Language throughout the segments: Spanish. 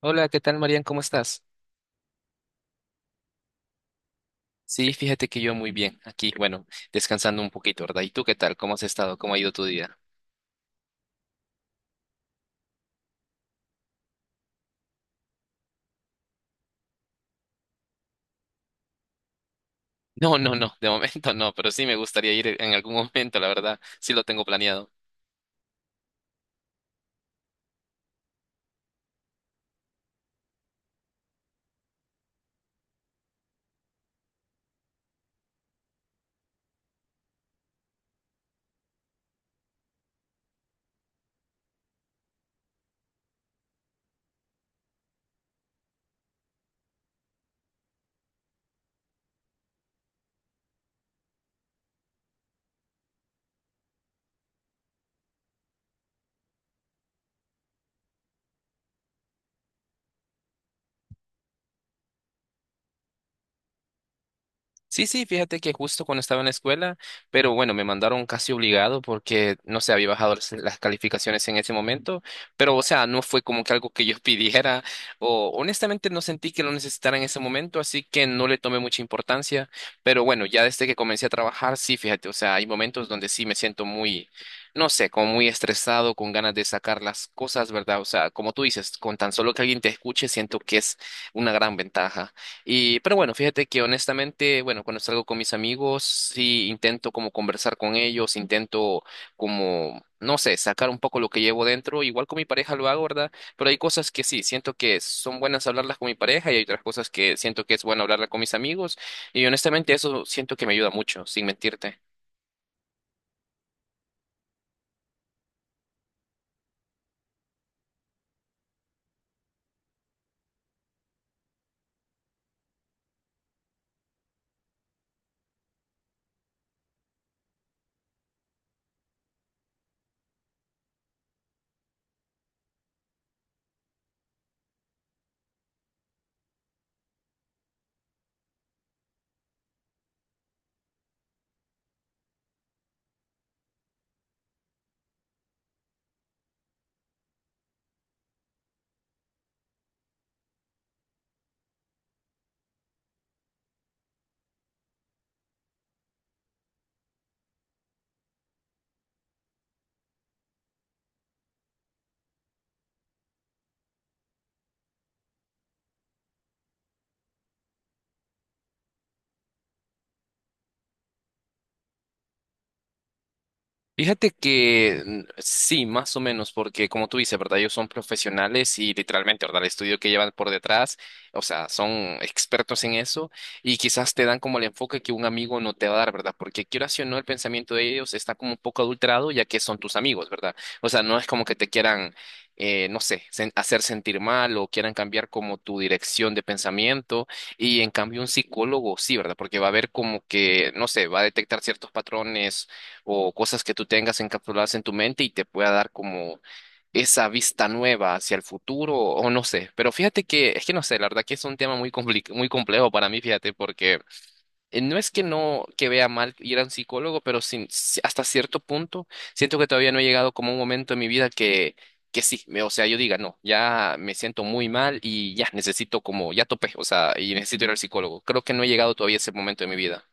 Hola, ¿qué tal, Marian? ¿Cómo estás? Sí, fíjate que yo muy bien, aquí, bueno, descansando un poquito, ¿verdad? ¿Y tú qué tal? ¿Cómo has estado? ¿Cómo ha ido tu día? No, no, no, de momento no, pero sí me gustaría ir en algún momento, la verdad, sí lo tengo planeado. Sí, sí, fíjate que justo cuando estaba en la escuela, pero bueno, me mandaron casi obligado porque no sé, había bajado las calificaciones en ese momento, pero o sea, no fue como que algo que yo pidiera o honestamente no sentí que lo necesitara en ese momento, así que no le tomé mucha importancia, pero bueno, ya desde que comencé a trabajar, sí, fíjate, o sea, hay momentos donde sí me siento muy, no sé, como muy estresado, con ganas de sacar las cosas, ¿verdad? O sea, como tú dices, con tan solo que alguien te escuche, siento que es una gran ventaja. Y, pero bueno, fíjate que honestamente, bueno, cuando salgo con mis amigos, sí intento como conversar con ellos, intento como, no sé, sacar un poco lo que llevo dentro. Igual con mi pareja lo hago, ¿verdad? Pero hay cosas que sí, siento que son buenas hablarlas con mi pareja y hay otras cosas que siento que es bueno hablarlas con mis amigos. Y honestamente eso siento que me ayuda mucho, sin mentirte. Fíjate que mm, sí, más o menos, porque como tú dices, ¿verdad? Ellos son profesionales y literalmente, ¿verdad? El estudio que llevan por detrás, o sea, son expertos en eso y quizás te dan como el enfoque que un amigo no te va a dar, ¿verdad? Porque quieras o no, el pensamiento de ellos está como un poco adulterado ya que son tus amigos, ¿verdad? O sea, no es como que te quieran, no sé, hacer sentir mal o quieran cambiar como tu dirección de pensamiento. Y en cambio un psicólogo sí, ¿verdad? Porque va a ver como que, no sé, va a detectar ciertos patrones o cosas que tú tengas encapsuladas en tu mente y te pueda dar como esa vista nueva hacia el futuro o no sé. Pero fíjate que, es que no sé, la verdad que es un tema muy complejo para mí, fíjate, porque no es que no, que vea mal ir a un psicólogo, pero sin, si- hasta cierto punto siento que todavía no he llegado como a un momento en mi vida que sí, o sea, yo diga, no, ya me siento muy mal y ya necesito como, ya topé, o sea, y necesito ir al psicólogo. Creo que no he llegado todavía a ese momento de mi vida.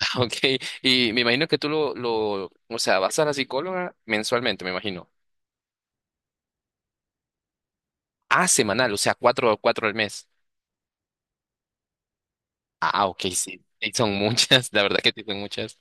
Ok, y me imagino que tú, o sea, vas a la psicóloga mensualmente, me imagino. Ah, semanal, o sea, cuatro al mes. Ah, ok, sí, sí, son muchas, la verdad que sí son muchas.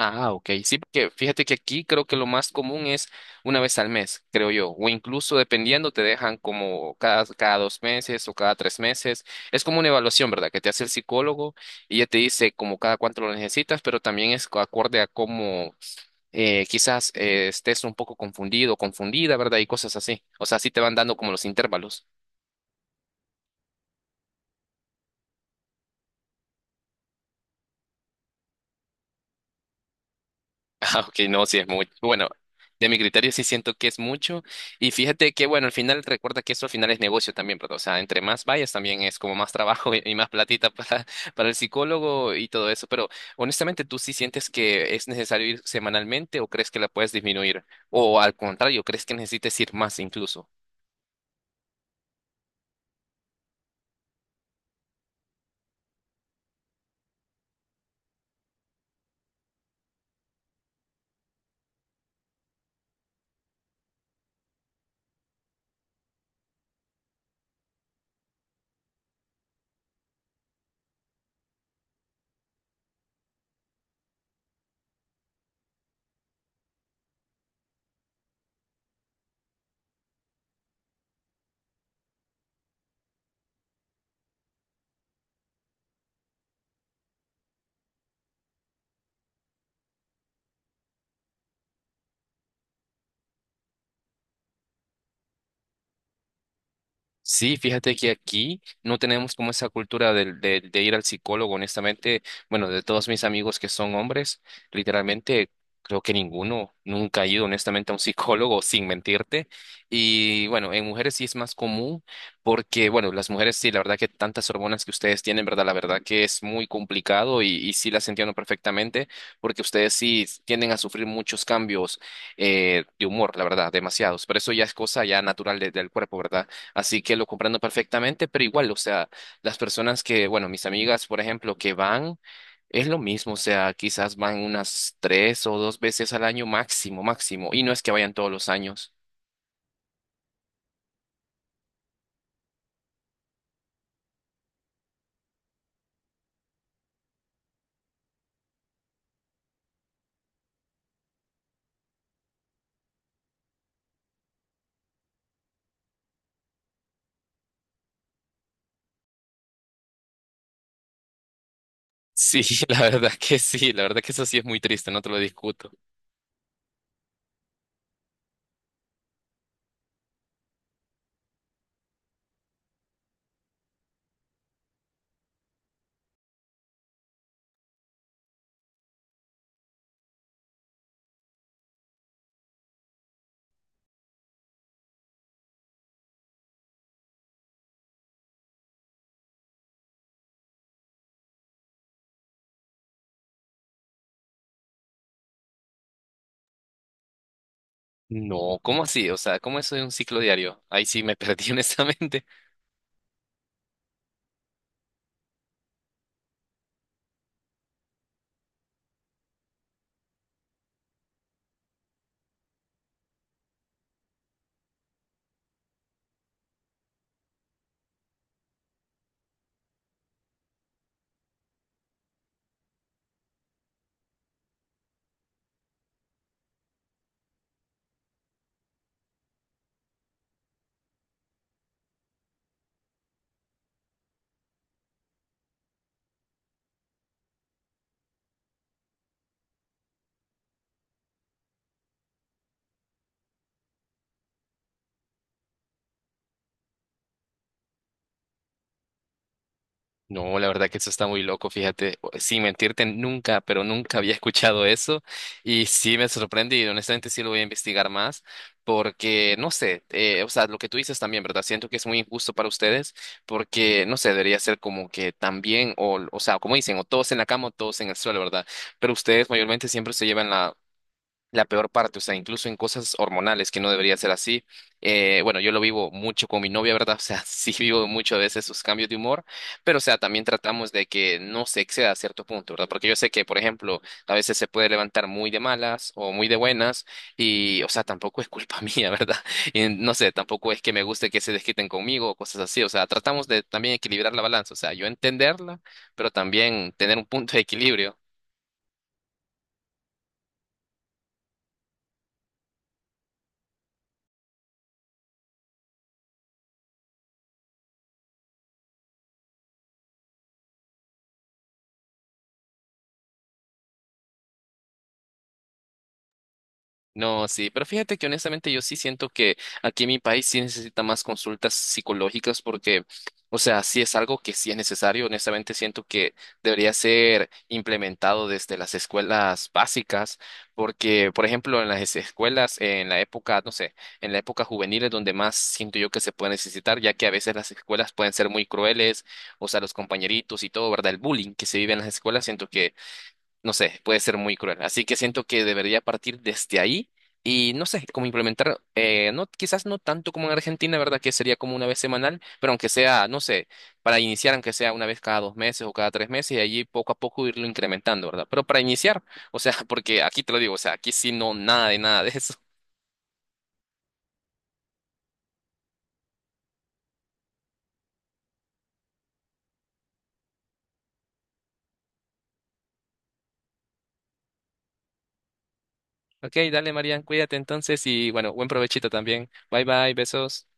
Ah, ok, sí, porque fíjate que aquí creo que lo más común es una vez al mes, creo yo, o incluso dependiendo te dejan como cada dos meses o cada tres meses. Es como una evaluación, ¿verdad? Que te hace el psicólogo y ya te dice como cada cuánto lo necesitas, pero también es acorde a cómo eh, quizás, estés un poco confundido, confundida, ¿verdad? Y cosas así. O sea, sí te van dando como los intervalos. Ah, ok, no, sí es muy bueno, de mi criterio sí siento que es mucho. Y fíjate que, bueno, al final recuerda que eso al final es negocio también, ¿verdad? O sea, entre más vayas también es como más trabajo y más platita para el psicólogo y todo eso. Pero honestamente, ¿tú sí sientes que es necesario ir semanalmente o crees que la puedes disminuir? O al contrario, ¿crees que necesites ir más incluso? Sí, fíjate que aquí no tenemos como esa cultura de, ir al psicólogo, honestamente. Bueno, de todos mis amigos que son hombres, literalmente creo que ninguno nunca ha ido honestamente a un psicólogo, sin mentirte. Y bueno, en mujeres sí es más común porque, bueno, las mujeres sí, la verdad que tantas hormonas que ustedes tienen, ¿verdad? La verdad que es muy complicado y sí las entiendo perfectamente porque ustedes sí tienden a sufrir muchos cambios de humor, la verdad, demasiados. Pero eso ya es cosa ya natural del cuerpo, ¿verdad? Así que lo comprendo perfectamente, pero igual, o sea, las personas que, bueno, mis amigas, por ejemplo, que van, es lo mismo, o sea, quizás van unas tres o dos veces al año máximo, máximo, y no es que vayan todos los años. Sí, la verdad que sí, la verdad que eso sí es muy triste, no te lo discuto. No, ¿cómo así? O sea, ¿cómo eso de un ciclo diario? Ahí sí me perdí honestamente. No, la verdad que eso está muy loco, fíjate, sin mentirte, nunca, pero nunca había escuchado eso y sí me sorprende y honestamente sí lo voy a investigar más porque, no sé, o sea, lo que tú dices también, ¿verdad? Siento que es muy injusto para ustedes porque, no sé, debería ser como que también, o sea, como dicen, o todos en la cama o todos en el suelo, ¿verdad? Pero ustedes mayormente siempre se llevan la peor parte, o sea, incluso en cosas hormonales que no debería ser así. Bueno, yo lo vivo mucho con mi novia, ¿verdad? O sea, sí vivo mucho a veces sus cambios de humor, pero o sea, también tratamos de que no se exceda a cierto punto, ¿verdad? Porque yo sé que, por ejemplo, a veces se puede levantar muy de malas o muy de buenas y, o sea, tampoco es culpa mía, ¿verdad? Y no sé, tampoco es que me guste que se desquiten conmigo o cosas así, o sea, tratamos de también equilibrar la balanza, o sea, yo entenderla, pero también tener un punto de equilibrio. No, sí, pero fíjate que honestamente yo sí siento que aquí en mi país sí necesita más consultas psicológicas porque, o sea, sí es algo que sí es necesario. Honestamente siento que debería ser implementado desde las escuelas básicas porque, por ejemplo, en las escuelas, en la época, no sé, en la época juvenil es donde más siento yo que se puede necesitar, ya que a veces las escuelas pueden ser muy crueles, o sea, los compañeritos y todo, ¿verdad? El bullying que se vive en las escuelas siento no sé, puede ser muy cruel. Así que siento que debería partir desde ahí y no sé, cómo implementar, no, quizás no tanto como en Argentina, ¿verdad? Que sería como una vez semanal, pero aunque sea, no sé, para iniciar, aunque sea una vez cada dos meses o cada tres meses y allí poco a poco irlo incrementando, ¿verdad? Pero para iniciar, o sea, porque aquí te lo digo, o sea, aquí sí no, nada de nada de eso. Ok, dale, Marian, cuídate entonces y bueno, buen provechito también. Bye bye, besos.